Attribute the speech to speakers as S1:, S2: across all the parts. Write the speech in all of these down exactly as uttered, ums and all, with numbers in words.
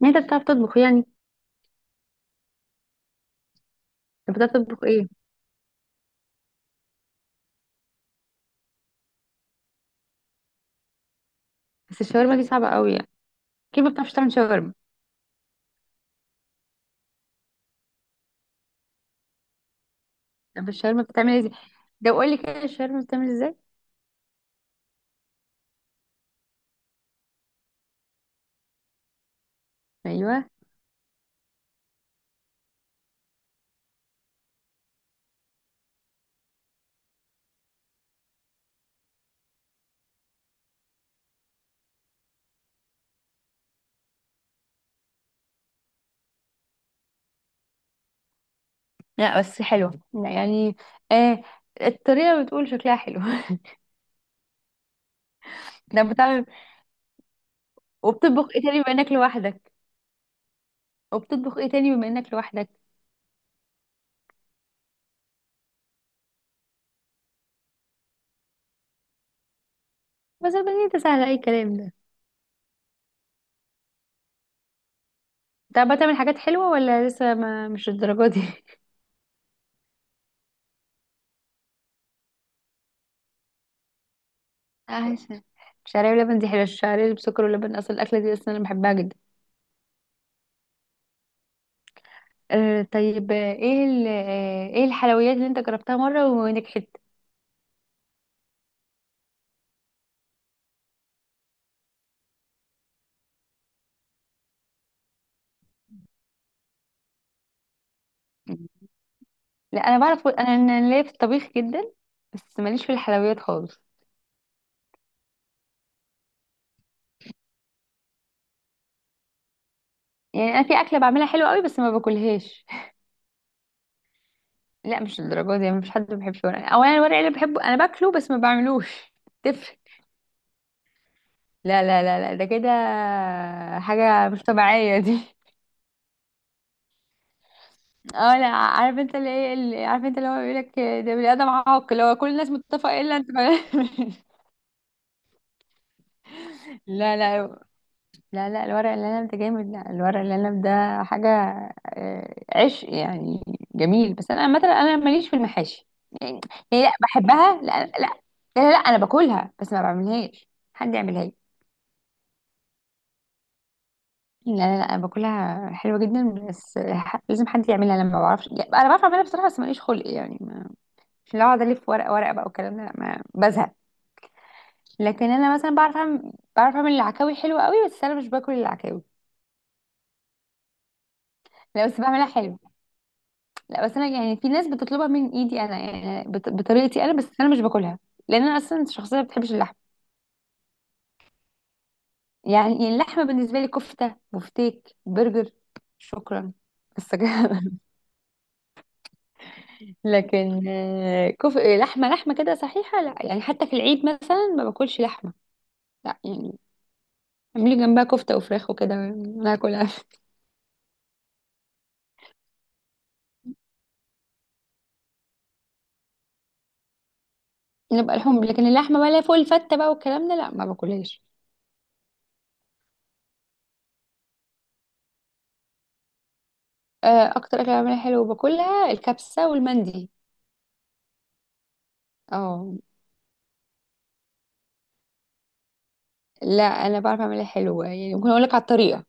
S1: يعني انت بتعرف تطبخ، يعني؟ انت بتعرف تطبخ ايه؟ بس الشاورما دي صعبه قوي، يعني كيف ما بتعرفش تعمل شاورما؟ طب الشاورما بتعمل ازاي؟ ده قول لي كده، الشاورما بتعمل ازاي؟ ايوه. لا بس حلوه، لا يعني. آه، الطريقه بتقول شكلها حلو. ده بتعمل. وبتطبخ ايه تاني بما انك لوحدك وبتطبخ ايه تاني بما انك لوحدك؟ بس البنية ده سهل، اي كلام ده. انت بقى تعمل حاجات حلوه ولا لسه، ما مش الدرجه دي؟ عايشه. الشعريه بلبن دي حلوه، الشعريه اللي بسكر ولبن، اصل الاكله دي اصلا انا بحبها جدا. آه، طيب، آه، ايه ال- آه، ايه الحلويات اللي انت جربتها مرة ونجحت؟ لا انا بعرف، انا انا ليا في الطبيخ جدا. بس ماليش في الحلويات خالص. يعني انا في اكله بعملها حلوه قوي بس ما باكلهاش. لا مش الدرجه دي، مفيش حد ما بيحبش ورق، او انا الورق اللي بحبه انا باكله بس ما بعملوش، تفرق. لا لا لا لا، ده كده حاجه مش طبيعيه دي. اه، لا عارف انت اللي ايه، اللي عارف انت اللي هو بيقول لك. ده بني ادم عاق، اللي هو كل الناس متفقه الا انت. لا لا لا لا، الورق العنب ده جامد، لا الورق العنب ده حاجة آه، عشق يعني، جميل. بس أنا مثلا أنا ماليش في المحاشي، يعني يعني لا، بحبها، لا لا لا. لا، لا أنا باكلها بس ما بعملهاش، حد يعملها لي. لا لا لا، أنا باكلها حلوة جدا بس ح- لازم حد يعملها، لما ما بعرفش. يعني أنا بعرف أعملها بصراحة بس ماليش خلق، يعني ما- مش اللي أقعد ألف ورقة ورقة بقى والكلام ده، لا، ما بزهق. لكن أنا مثلا بعرف أعمل بعرف أعمل العكاوي حلوة قوي، بس أنا مش باكل العكاوي. لا بس بعملها حلو. لا بس انا يعني في ناس بتطلبها من ايدي انا، يعني بط- بطريقتي انا، بس انا مش باكلها. لان انا اصلا شخصيه ما بتحبش اللحم. يعني يعني اللحمه بالنسبه لي كفته، بفتيك، برجر، شكرا. بس كده. لكن آه، كف... لحمه لحمه كده صحيحه، لا، يعني حتى في العيد مثلا ما باكلش لحمه، لا يعني. اعملي جنبها كفته وفراخ وكده ناكلها. نبقى لحوم، لكن اللحمه ولا فول فته بقى والكلام ده، لا ما باكلهاش. آه، اكتر اكله بعملها حلو وباكلها الكبسه والمندي. اه، لا انا بعرف اعملها حلوه، يعني ممكن اقول لك على الطريقه.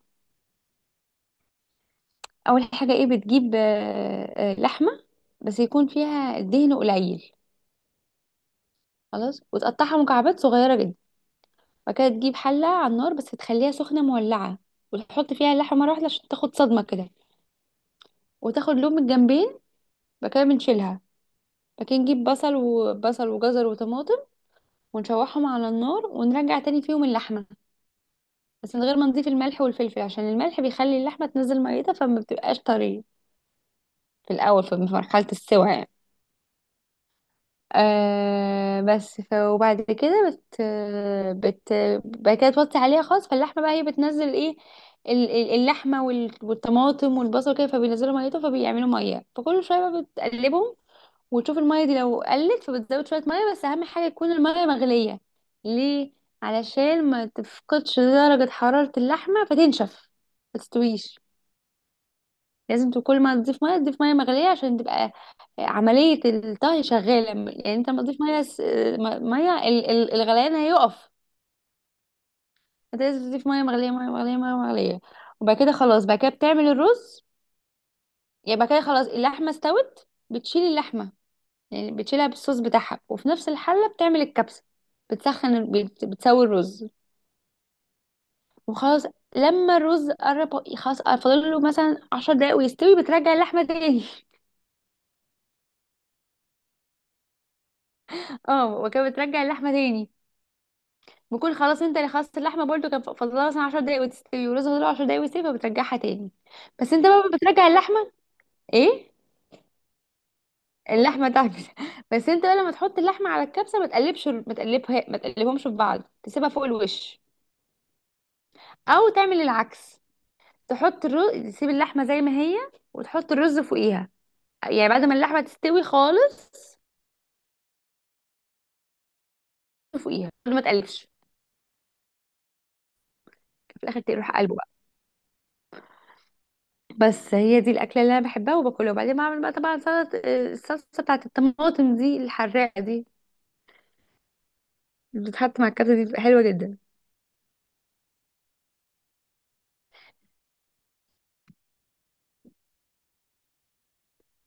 S1: اول حاجه ايه، بتجيب آه، آه، لحمه بس يكون فيها دهن قليل، خلاص، وتقطعها مكعبات صغيره جدا. بعد كده تجيب حله على النار، بس تخليها سخنه مولعه، وتحط فيها اللحمه مره واحده عشان تاخد صدمه كده، وتاخد لون من الجنبين. بعد كده بنشيلها. بعد كده نجيب بصل وبصل وجزر وطماطم، ونشوحهم على النار، ونرجع تاني فيهم اللحمه، بس من غير ما نضيف الملح والفلفل، عشان الملح بيخلي اللحمه تنزل ميتها فما بتبقاش طريه، في الاول في مرحله السوى، يعني. آه بس ف وبعد كده بت بت بعد كده توطي عليها خالص، فاللحمه بقى هي بتنزل ايه، ال- ال- اللحمه وال- والطماطم والبصل كده، فبينزلوا ميته، فبيعملوا ميه، فكل شويه بقى بتقلبهم، وتشوف الميه دي لو قلت فبتزود شويه ميه، بس اهم حاجه تكون الميه مغليه. ليه؟ علشان ما تفقدش درجه حراره اللحمه فتنشف، ما تستويش. لازم ت- كل ما تضيف ميه تضيف ميه مغليه، عشان تبقى عمليه الطهي شغاله. يعني انت لما تضيف ميه س- م- ميه ال- ال- الغليان هيقف. انت لازم تضيف ميه مغليه، ميه مغليه، ميه مغليه. وبعد كده خلاص، بعد كده بتعمل الرز. يعني بعد كده خلاص اللحمه استوت، بتشيل اللحمه، يعني بتشيلها بالصوص بتاعها، وفي نفس الحله بتعمل الكبسه. بتسخن ال- بت- بتسوي الرز، وخلاص. لما الرز قرب خلاص، فاضل له مثلا 10 دقايق ويستوي، بترجع اللحمه تاني. اه، وكده بترجع اللحمه تاني، بكون خلاص انت اللي خلصت اللحمه برضو كان فاضلها مثلا 10 دقايق وتستوي، والرز فاضله 10 دقايق ويستوي، فبترجعها تاني. بس انت بقى بترجع اللحمه، ايه، اللحمه تحبس. بس انت بقى لما تحط اللحمه على الكبسه ما تقلبش، ما تقلبها، ما تقلبهمش في بعض، تسيبها فوق الوش. او تعمل العكس، تحط الرز، تسيب اللحمه زي ما هي، وتحط الرز فوقيها، يعني بعد ما اللحمه تستوي خالص فوقيها ما تقلبش، في الاخر تروح قلبه. بس هي دي الاكله اللي انا بحبها وباكلها، وبعدين بعمل بقى طبعا سلطه الصلصه بتاعت الطماطم دي، الحراقه دي اللي بتتحط مع الكبسه دي بتبقى حلوه جدا.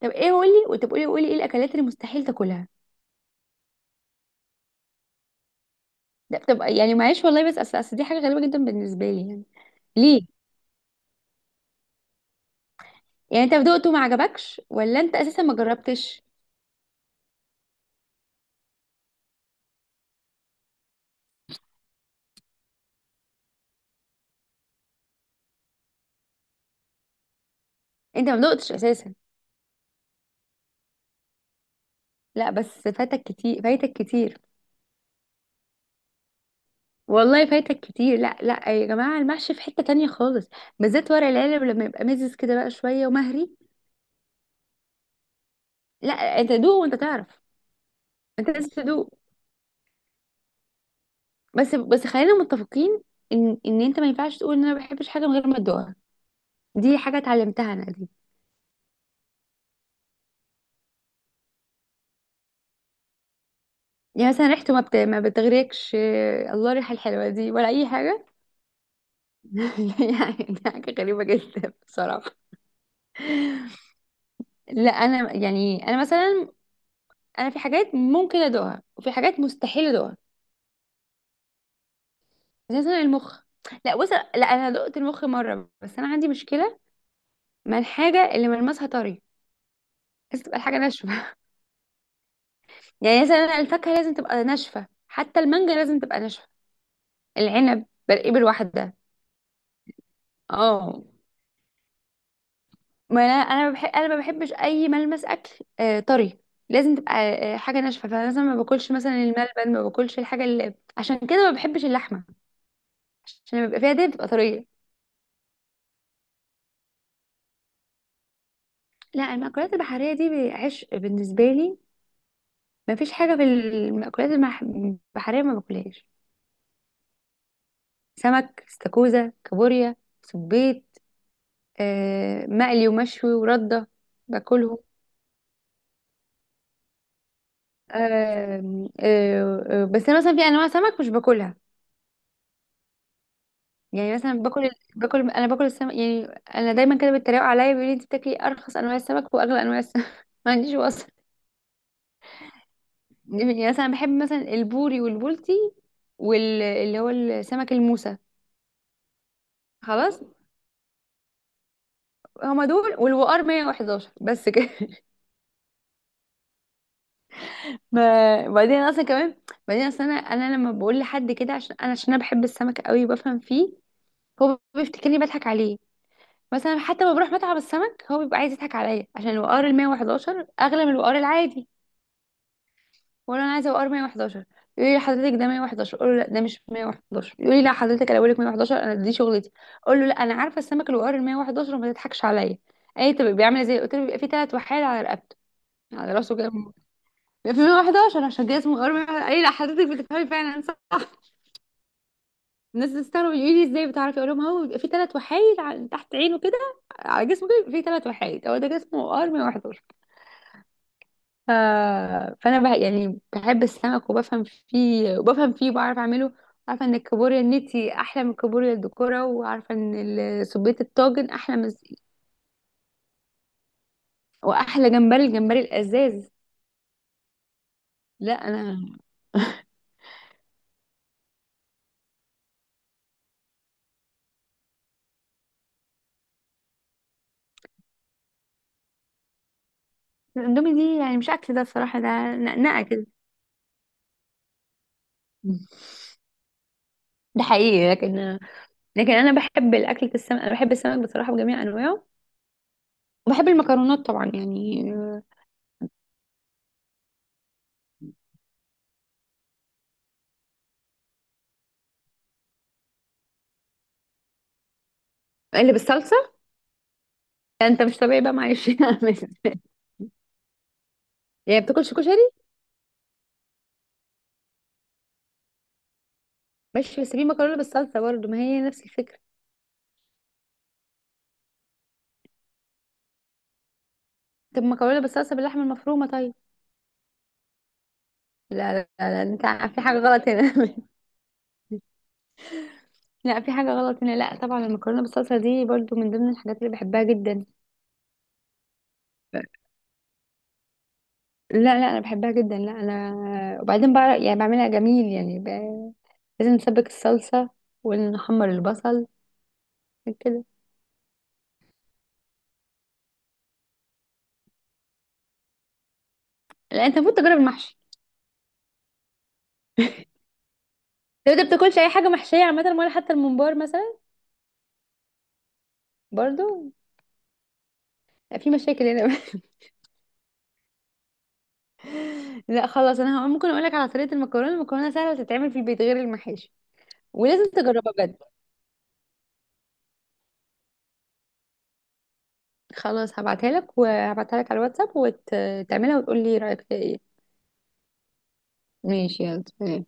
S1: طب، ايه، قولي، وتبقى قولي، قولي ايه الاكلات اللي مستحيل تاكلها. ده بتبقى يعني، معلش والله، بس اصل أصل دي حاجه غريبه جدا بالنسبه لي، يعني ليه؟ يعني انت دقته ما عجبكش ولا انت اساسا ما جربتش؟ انت ما دقتش اساسا؟ لا بس فاتك كتير، فايتك كتير، والله فايتك كتير. لا لا، يا جماعه المحشي في حته تانية خالص، بالذات ورق العنب لما يبقى مزز كده بقى شويه ومهري. لا، انت دوق وانت تعرف. انت لازم تدوق. بس بس خلينا متفقين ان ان انت ما ينفعش تقول ان انا ما بحبش حاجه من غير ما تدوقها، دي حاجه اتعلمتها انا دي. يعني مثلا ريحته ما بت... ما بتغريكش؟ آه، الله، الريحه الحلوه دي ولا اي حاجه؟ يعني دي حاجه غريبه جدا بصراحه. لا انا، يعني انا مثلا، انا في حاجات ممكن ادوقها وفي حاجات مستحيل ادوقها، زي مثلا المخ. لا بص، لا انا دقت المخ مره، بس انا عندي مشكله مع الحاجه اللي ملمسها طري، لازم تبقى الحاجه ناشفه. يعني مثلا الفاكهة لازم تبقى ناشفة، حتى المانجا لازم تبقى ناشفة، العنب برقيه بالوحدة، اه، ما انا انا بحب، انا ما بحبش اي ملمس اكل آه طري، لازم تبقى آه حاجة ناشفة. فانا مثلا ما باكلش مثلا الملبن، ما باكلش الحاجة اللي، عشان كده ما بحبش اللحمة، عشان لما بيبقى فيها دهن بتبقى طرية. لا، المأكولات البحرية دي عشق بالنسبة لي، ما فيش حاجة في المأكولات المح- البحرية ما باكلهاش. سمك، استاكوزا، كابوريا، سبيط، آه مقلي ومشوي، وردة، باكلهم. آم، آه، آه، بس انا مثلا في انواع سمك مش باكلها، يعني مثلا باكل باكل انا باكل السمك، يعني انا دايما كده بيتريقوا عليا بيقولوا لي انت بتاكلي ارخص انواع السمك واغلى انواع السمك، ما عنديش وصف. يعني مثلا بحب مثلا البوري والبولتي، واللي هو السمك الموسى، خلاص. هما دول والوقار مية وحداشر، بس كده. ما بعدين اصلا كمان، بعدين اصلا انا انا لما بقول لحد كده عشان انا عشان انا بحب السمك قوي وبفهم فيه، هو بيفتكرني بضحك عليه. مثلا حتى لما بروح مطعم السمك هو بيبقى عايز يضحك عليا، عشان الوقار ال مية وحداشر اغلى من الوقار العادي، وانا انا عايزه وقار مية وحداشر. يقول لي حضرتك ده مية وحداشر، اقول له لا ده مش مية وحداشر. يقول لي لا حضرتك، انا بقول لك مية وحداشر، انا دي شغلتي. اقول له لا، انا عارفه السمك الوقار ال مية وحداشر وما تضحكش عليا. اي طب بيعمل ازاي؟ قلت له بيبقى فيه ثلاث وحايد على رقبته، على راسه كده بيبقى في مية وحداشر، عشان كده اسمه وقار مية وحداشر. اي، لا حضرتك بتفهمي فعلا صح. الناس بتستغرب يقول لي ازاي بتعرفي، اقول لهم هو بيبقى فيه ثلاث وحايد، على- تحت عينه كده، على جسمه كده في ثلاث وحايد، هو ده جسمه ار مية وحداشر. آه، فانا بقى يعني بحب السمك وبفهم فيه وبفهم فيه وبعرف اعمله، عارفه ان الكابوريا النتي احلى من الكابوريا الدكوره، وعارفه ان ال- سبيت الطاجن احلى من، واحلى جمبري الجمبري الازاز. لا انا. الاندومي دي يعني مش اكل، ده بصراحه ده نقنقه كده، ده حقيقي. لكن، لكن انا بحب الاكل السمك، انا بحب السمك بصراحه بجميع انواعه، وبحب المكرونات طبعا، يعني آه، اللي بالصلصه، يعني انت مش طبيعي بقى، معلش، يعني ما بتاكلش كشري؟ ماشي، بس في مكرونه بالصلصه برضه، ما هي نفس الفكره. طب مكرونه بالصلصه باللحمه المفرومه طيب؟ لا لا لا، انت في حاجه غلط هنا، لا في حاجه غلط هنا، لا طبعا المكرونه بالصلصه دي برضه من ضمن الحاجات اللي بحبها جدا، لا لا انا بحبها جدا، لا انا وبعدين بعرف، يعني بعملها جميل، يعني ب... لازم نسبك الصلصه ونحمر البصل كده. لا انت المفروض تجرب المحشي، لو انت بتاكلش اي حاجه محشيه عامه ولا حتى الممبار مثلا؟ برضه؟ لا، في مشاكل هنا. لا خلاص، انا هقول- ممكن اقول لك على طريقه المكرونه، المكرونه سهله تتعمل في البيت غير المحاشي، ولازم تجربها بجد. خلاص، هبعتها لك، وهبعتها لك على الواتساب، وتعملها وتقول لي رايك فيها ايه. ماشي، يلا.